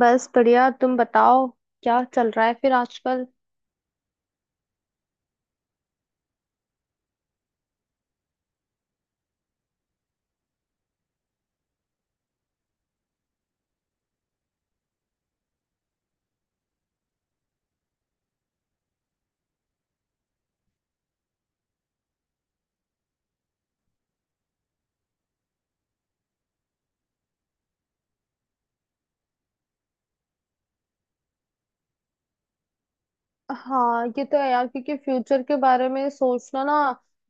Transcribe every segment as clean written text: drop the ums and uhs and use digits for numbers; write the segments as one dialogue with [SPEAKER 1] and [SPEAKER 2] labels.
[SPEAKER 1] बस बढ़िया, तुम बताओ। क्या चल रहा है फिर आजकल। हाँ, ये तो है यार, क्योंकि फ्यूचर के बारे में सोचना ना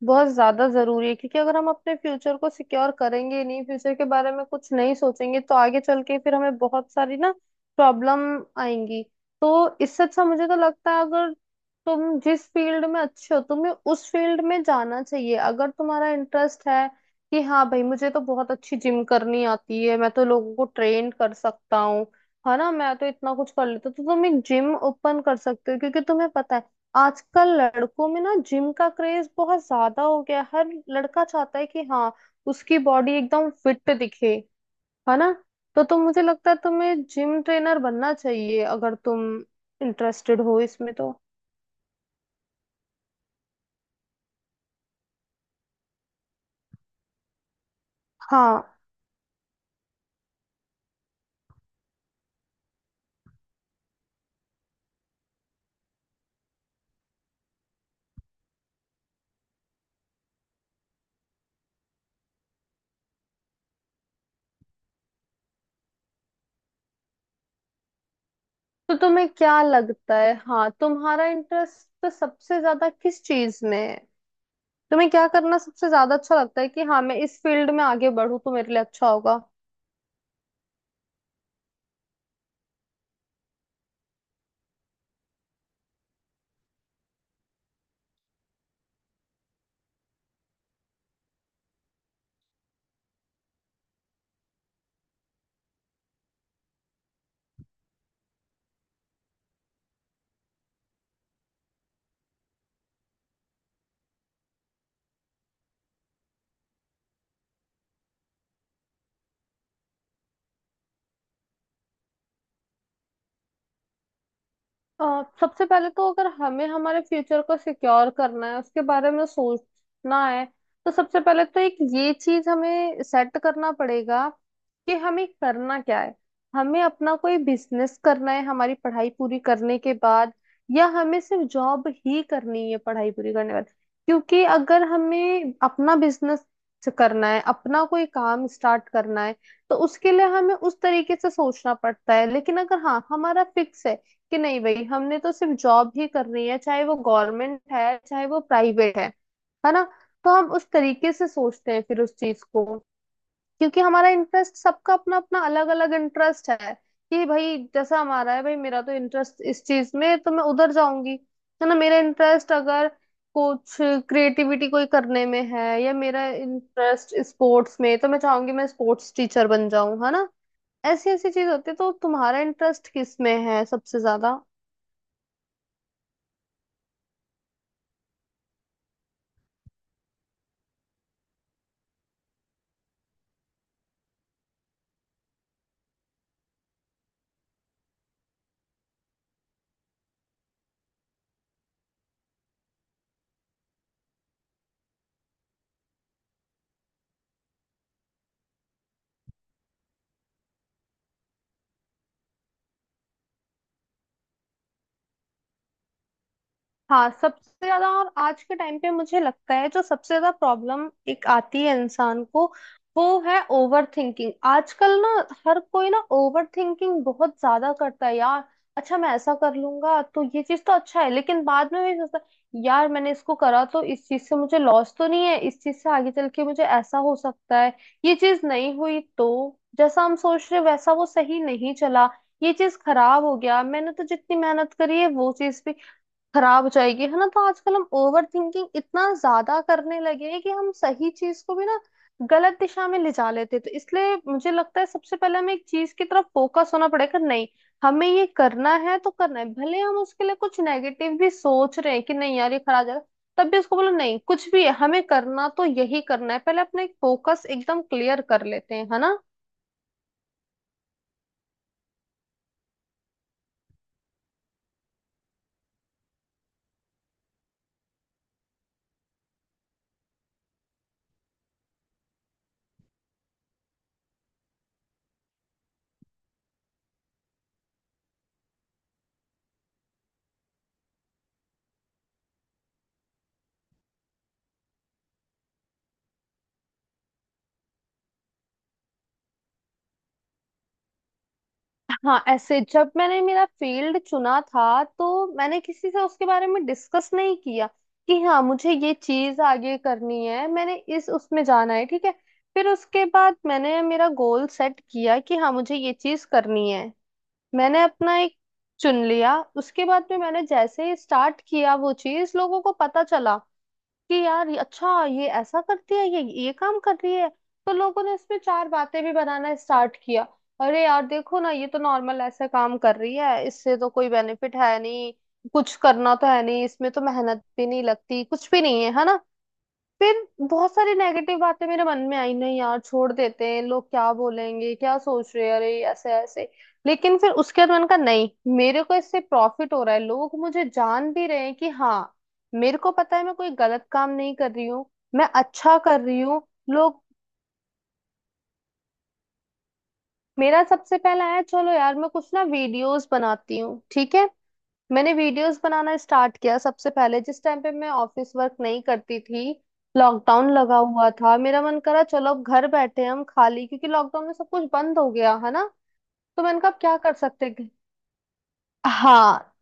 [SPEAKER 1] बहुत ज्यादा जरूरी है। क्योंकि अगर हम अपने फ्यूचर को सिक्योर करेंगे ही नहीं, फ्यूचर के बारे में कुछ नहीं सोचेंगे, तो आगे चल के फिर हमें बहुत सारी ना प्रॉब्लम आएंगी। तो इससे अच्छा मुझे तो लगता है, अगर तुम जिस फील्ड में अच्छे हो तुम्हें उस फील्ड में जाना चाहिए। अगर तुम्हारा इंटरेस्ट है कि हाँ भाई, मुझे तो बहुत अच्छी जिम करनी आती है, मैं तो लोगों को ट्रेन कर सकता हूँ, है ना, मैं तो इतना कुछ कर लेता, तो तुम एक जिम ओपन कर सकते हो। क्योंकि तुम्हें पता है, आजकल लड़कों में ना जिम का क्रेज बहुत ज्यादा हो गया है। हर लड़का चाहता है कि हाँ, उसकी बॉडी एकदम फिट दिखे, है ना। तो तुम, मुझे लगता है तुम्हें जिम ट्रेनर बनना चाहिए अगर तुम इंटरेस्टेड हो इसमें तो। हाँ, तो तुम्हें क्या लगता है, हाँ, तुम्हारा इंटरेस्ट सबसे ज्यादा किस चीज में है। तुम्हें क्या करना सबसे ज्यादा अच्छा लगता है कि हाँ, मैं इस फील्ड में आगे बढ़ूं तो मेरे लिए अच्छा होगा। सबसे पहले तो अगर हमें हमारे फ्यूचर को सिक्योर करना है, उसके बारे में सोचना है, तो सबसे पहले तो एक ये चीज हमें सेट करना पड़ेगा कि हमें करना क्या है। हमें अपना कोई बिजनेस करना है हमारी पढ़ाई पूरी करने के बाद, या हमें सिर्फ जॉब ही करनी है पढ़ाई पूरी करने के बाद। क्योंकि अगर हमें अपना बिजनेस करना है, अपना कोई काम स्टार्ट करना है, तो उसके लिए हमें उस तरीके से सोचना पड़ता है। लेकिन अगर हाँ हमारा फिक्स है कि नहीं भाई, हमने तो सिर्फ जॉब ही करनी है, चाहे वो गवर्नमेंट है चाहे वो प्राइवेट है ना, तो हम उस तरीके से सोचते हैं फिर उस चीज को। क्योंकि हमारा इंटरेस्ट, सबका अपना अपना अलग अलग इंटरेस्ट है कि भाई जैसा हमारा है, भाई मेरा तो इंटरेस्ट इस चीज में है, तो मैं उधर जाऊंगी। है ना, मेरा इंटरेस्ट अगर कुछ क्रिएटिविटी कोई करने में है, या मेरा इंटरेस्ट स्पोर्ट्स में है, तो मैं चाहूंगी मैं स्पोर्ट्स टीचर बन जाऊं, है ना। ऐसी ऐसी चीज होती है। तो तुम्हारा इंटरेस्ट किस में है सबसे ज्यादा। हाँ, सबसे ज्यादा और आज के टाइम पे मुझे लगता है जो सबसे ज्यादा प्रॉब्लम एक आती है इंसान को, वो है ओवर थिंकिंग। आजकल ना हर कोई ना ओवर थिंकिंग बहुत ज्यादा करता है यार। अच्छा, मैं ऐसा कर लूंगा तो ये चीज तो अच्छा है, लेकिन बाद में भी सोचता है, यार मैंने इसको करा तो इस चीज से मुझे लॉस तो नहीं है, इस चीज से आगे चल के मुझे ऐसा हो सकता है, ये चीज नहीं हुई तो, जैसा हम सोच रहे वैसा वो सही नहीं चला, ये चीज खराब हो गया, मैंने तो जितनी मेहनत करी है वो चीज भी खराब हो जाएगी, है ना। तो आजकल हम ओवर थिंकिंग इतना ज्यादा करने लगे हैं कि हम सही चीज को भी ना गलत दिशा में ले जा लेते हैं। तो इसलिए मुझे लगता है सबसे पहले हमें एक चीज की तरफ फोकस होना पड़ेगा। नहीं, हमें ये करना है तो करना है, भले हम उसके लिए कुछ नेगेटिव भी सोच रहे हैं कि नहीं यार ये खराब जाएगा, तब भी उसको बोलो नहीं, कुछ भी है हमें करना तो यही करना है। पहले अपना एक फोकस एकदम क्लियर कर लेते हैं, है ना। हाँ, ऐसे जब मैंने मेरा फील्ड चुना था तो मैंने किसी से उसके बारे में डिस्कस नहीं किया कि हाँ मुझे ये चीज आगे करनी है, मैंने इस उसमें जाना है, ठीक है। फिर उसके बाद मैंने मेरा गोल सेट किया कि हाँ मुझे ये चीज करनी है, मैंने अपना एक चुन लिया। उसके बाद में मैंने जैसे ही स्टार्ट किया, वो चीज लोगों को पता चला कि यार ये- अच्छा ये ऐसा करती है, ये काम कर रही है। तो लोगों ने इसमें चार बातें भी बनाना स्टार्ट किया। अरे यार, देखो ना, ये तो नॉर्मल ऐसे काम कर रही है, इससे तो कोई बेनिफिट है नहीं, कुछ करना तो है नहीं इसमें, तो मेहनत भी नहीं लगती, कुछ भी नहीं है, है ना। फिर बहुत सारी नेगेटिव बातें मेरे मन में आई, नहीं यार छोड़ देते हैं, लोग क्या बोलेंगे, क्या सोच रहे हैं, अरे ऐसे ऐसे। लेकिन फिर उसके बाद मैंने कहा नहीं, मेरे को इससे प्रॉफिट हो रहा है, लोग मुझे जान भी रहे हैं कि हाँ, मेरे को पता है मैं कोई गलत काम नहीं कर रही हूँ, मैं अच्छा कर रही हूँ। लोग, मेरा सबसे पहला है चलो यार मैं कुछ ना वीडियोस बनाती हूँ, ठीक है। मैंने वीडियोस बनाना स्टार्ट किया सबसे पहले जिस टाइम पे मैं ऑफिस वर्क नहीं करती थी। लॉकडाउन लगा हुआ था, मेरा मन करा चलो अब घर बैठे हम खाली, क्योंकि लॉकडाउन में सब कुछ बंद हो गया है ना। तो मैंने कहा अब क्या कर सकते हैं? हाँ।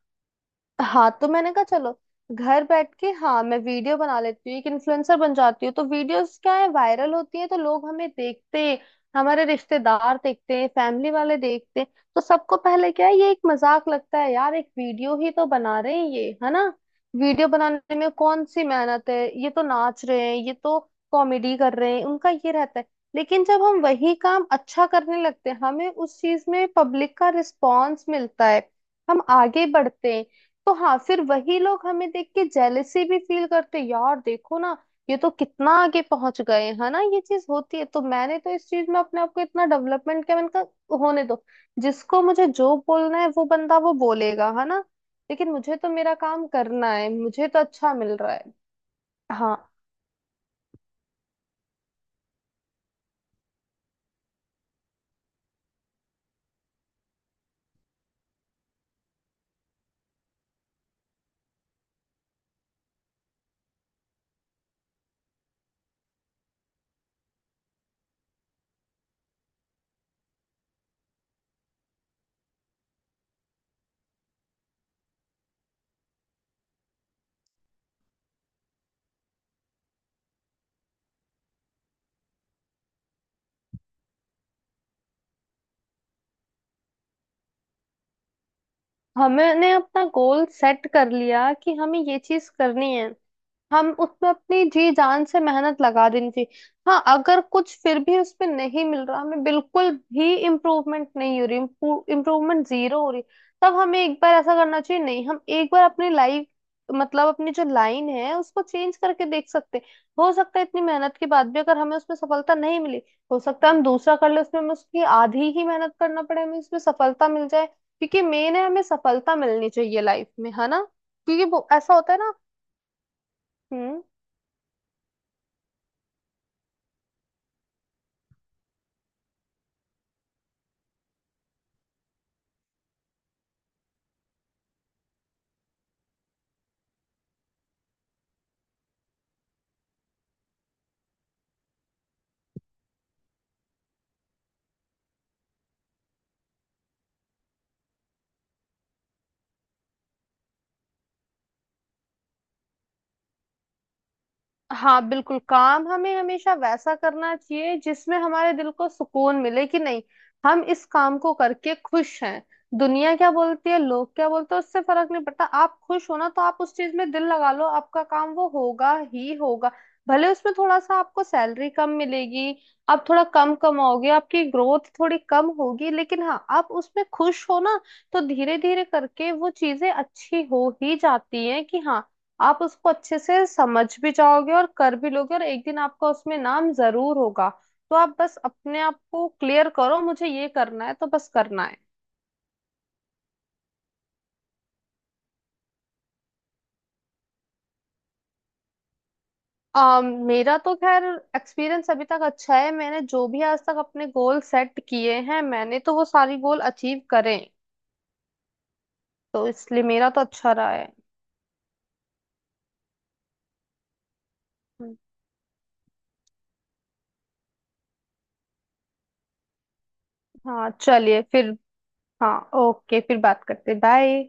[SPEAKER 1] हाँ, तो मैंने कहा चलो घर बैठ के हाँ मैं वीडियो बना लेती हूँ, एक इन्फ्लुएंसर बन जाती हूँ। तो वीडियोस क्या है वायरल होती है, तो लोग हमें देखते हैं, हमारे रिश्तेदार देखते हैं, फैमिली वाले देखते हैं। तो सबको पहले क्या है, ये एक मजाक लगता है यार, एक वीडियो ही तो बना रहे हैं ये, है ना। वीडियो बनाने में कौन सी मेहनत है, ये तो नाच रहे हैं, ये तो कॉमेडी कर रहे हैं, उनका ये रहता है। लेकिन जब हम वही काम अच्छा करने लगते हैं, हमें उस चीज में पब्लिक का रिस्पॉन्स मिलता है, हम आगे बढ़ते हैं। तो हाँ, फिर वही लोग हमें देख के जेलेसी भी फील करते, यार देखो ना ये तो कितना आगे पहुंच गए, है ना। ये चीज होती है। तो मैंने तो इस चीज में अपने आप को इतना डेवलपमेंट किया, मैंने कहा होने दो, जिसको मुझे जो बोलना है वो बंदा वो बोलेगा, है ना। लेकिन मुझे तो मेरा काम करना है, मुझे तो अच्छा मिल रहा है। हाँ, हमने अपना गोल सेट कर लिया कि हमें ये चीज करनी है, हम उसमें अपनी जी जान से मेहनत लगा देनी चाहिए। हाँ, अगर कुछ फिर भी उसमें नहीं मिल रहा, हमें बिल्कुल भी इम्प्रूवमेंट नहीं हो रही, इम्प्रूवमेंट जीरो हो रही, तब हमें एक बार ऐसा करना चाहिए। नहीं, हम एक बार अपनी लाइफ, मतलब अपनी जो लाइन है उसको चेंज करके देख सकते हैं। हो सकता है इतनी मेहनत के बाद भी अगर हमें उसमें सफलता नहीं मिली, हो सकता है हम दूसरा कर ले, उसमें हमें उसकी आधी ही मेहनत करना पड़े, हमें उसमें सफलता मिल जाए। क्योंकि मेन है हमें सफलता मिलनी चाहिए लाइफ में, है ना। क्योंकि वो ऐसा होता है ना। हम्म। हाँ, बिल्कुल, काम हमें हमेशा वैसा करना चाहिए जिसमें हमारे दिल को सुकून मिले कि नहीं, हम इस काम को करके खुश हैं। दुनिया क्या बोलती है, लोग क्या बोलते हैं, उससे फर्क नहीं पड़ता। आप खुश हो ना, तो आप उस चीज में दिल लगा लो, आपका काम वो होगा ही होगा। भले उसमें थोड़ा सा आपको सैलरी कम मिलेगी, आप थोड़ा कम कमाओगे, आपकी ग्रोथ थोड़ी कम होगी, लेकिन हाँ आप उसमें खुश हो ना, तो धीरे धीरे करके वो चीजें अच्छी हो ही जाती हैं कि हाँ, आप उसको अच्छे से समझ भी जाओगे और कर भी लोगे, और एक दिन आपका उसमें नाम जरूर होगा। तो आप बस अपने आप को क्लियर करो, मुझे ये करना है तो बस करना है। मेरा तो खैर एक्सपीरियंस अभी तक अच्छा है। मैंने जो भी आज तक अपने गोल सेट किए हैं, मैंने तो वो सारी गोल अचीव करे। तो इसलिए मेरा तो अच्छा रहा है। हाँ, चलिए फिर। हाँ, ओके, फिर बात करते, बाय।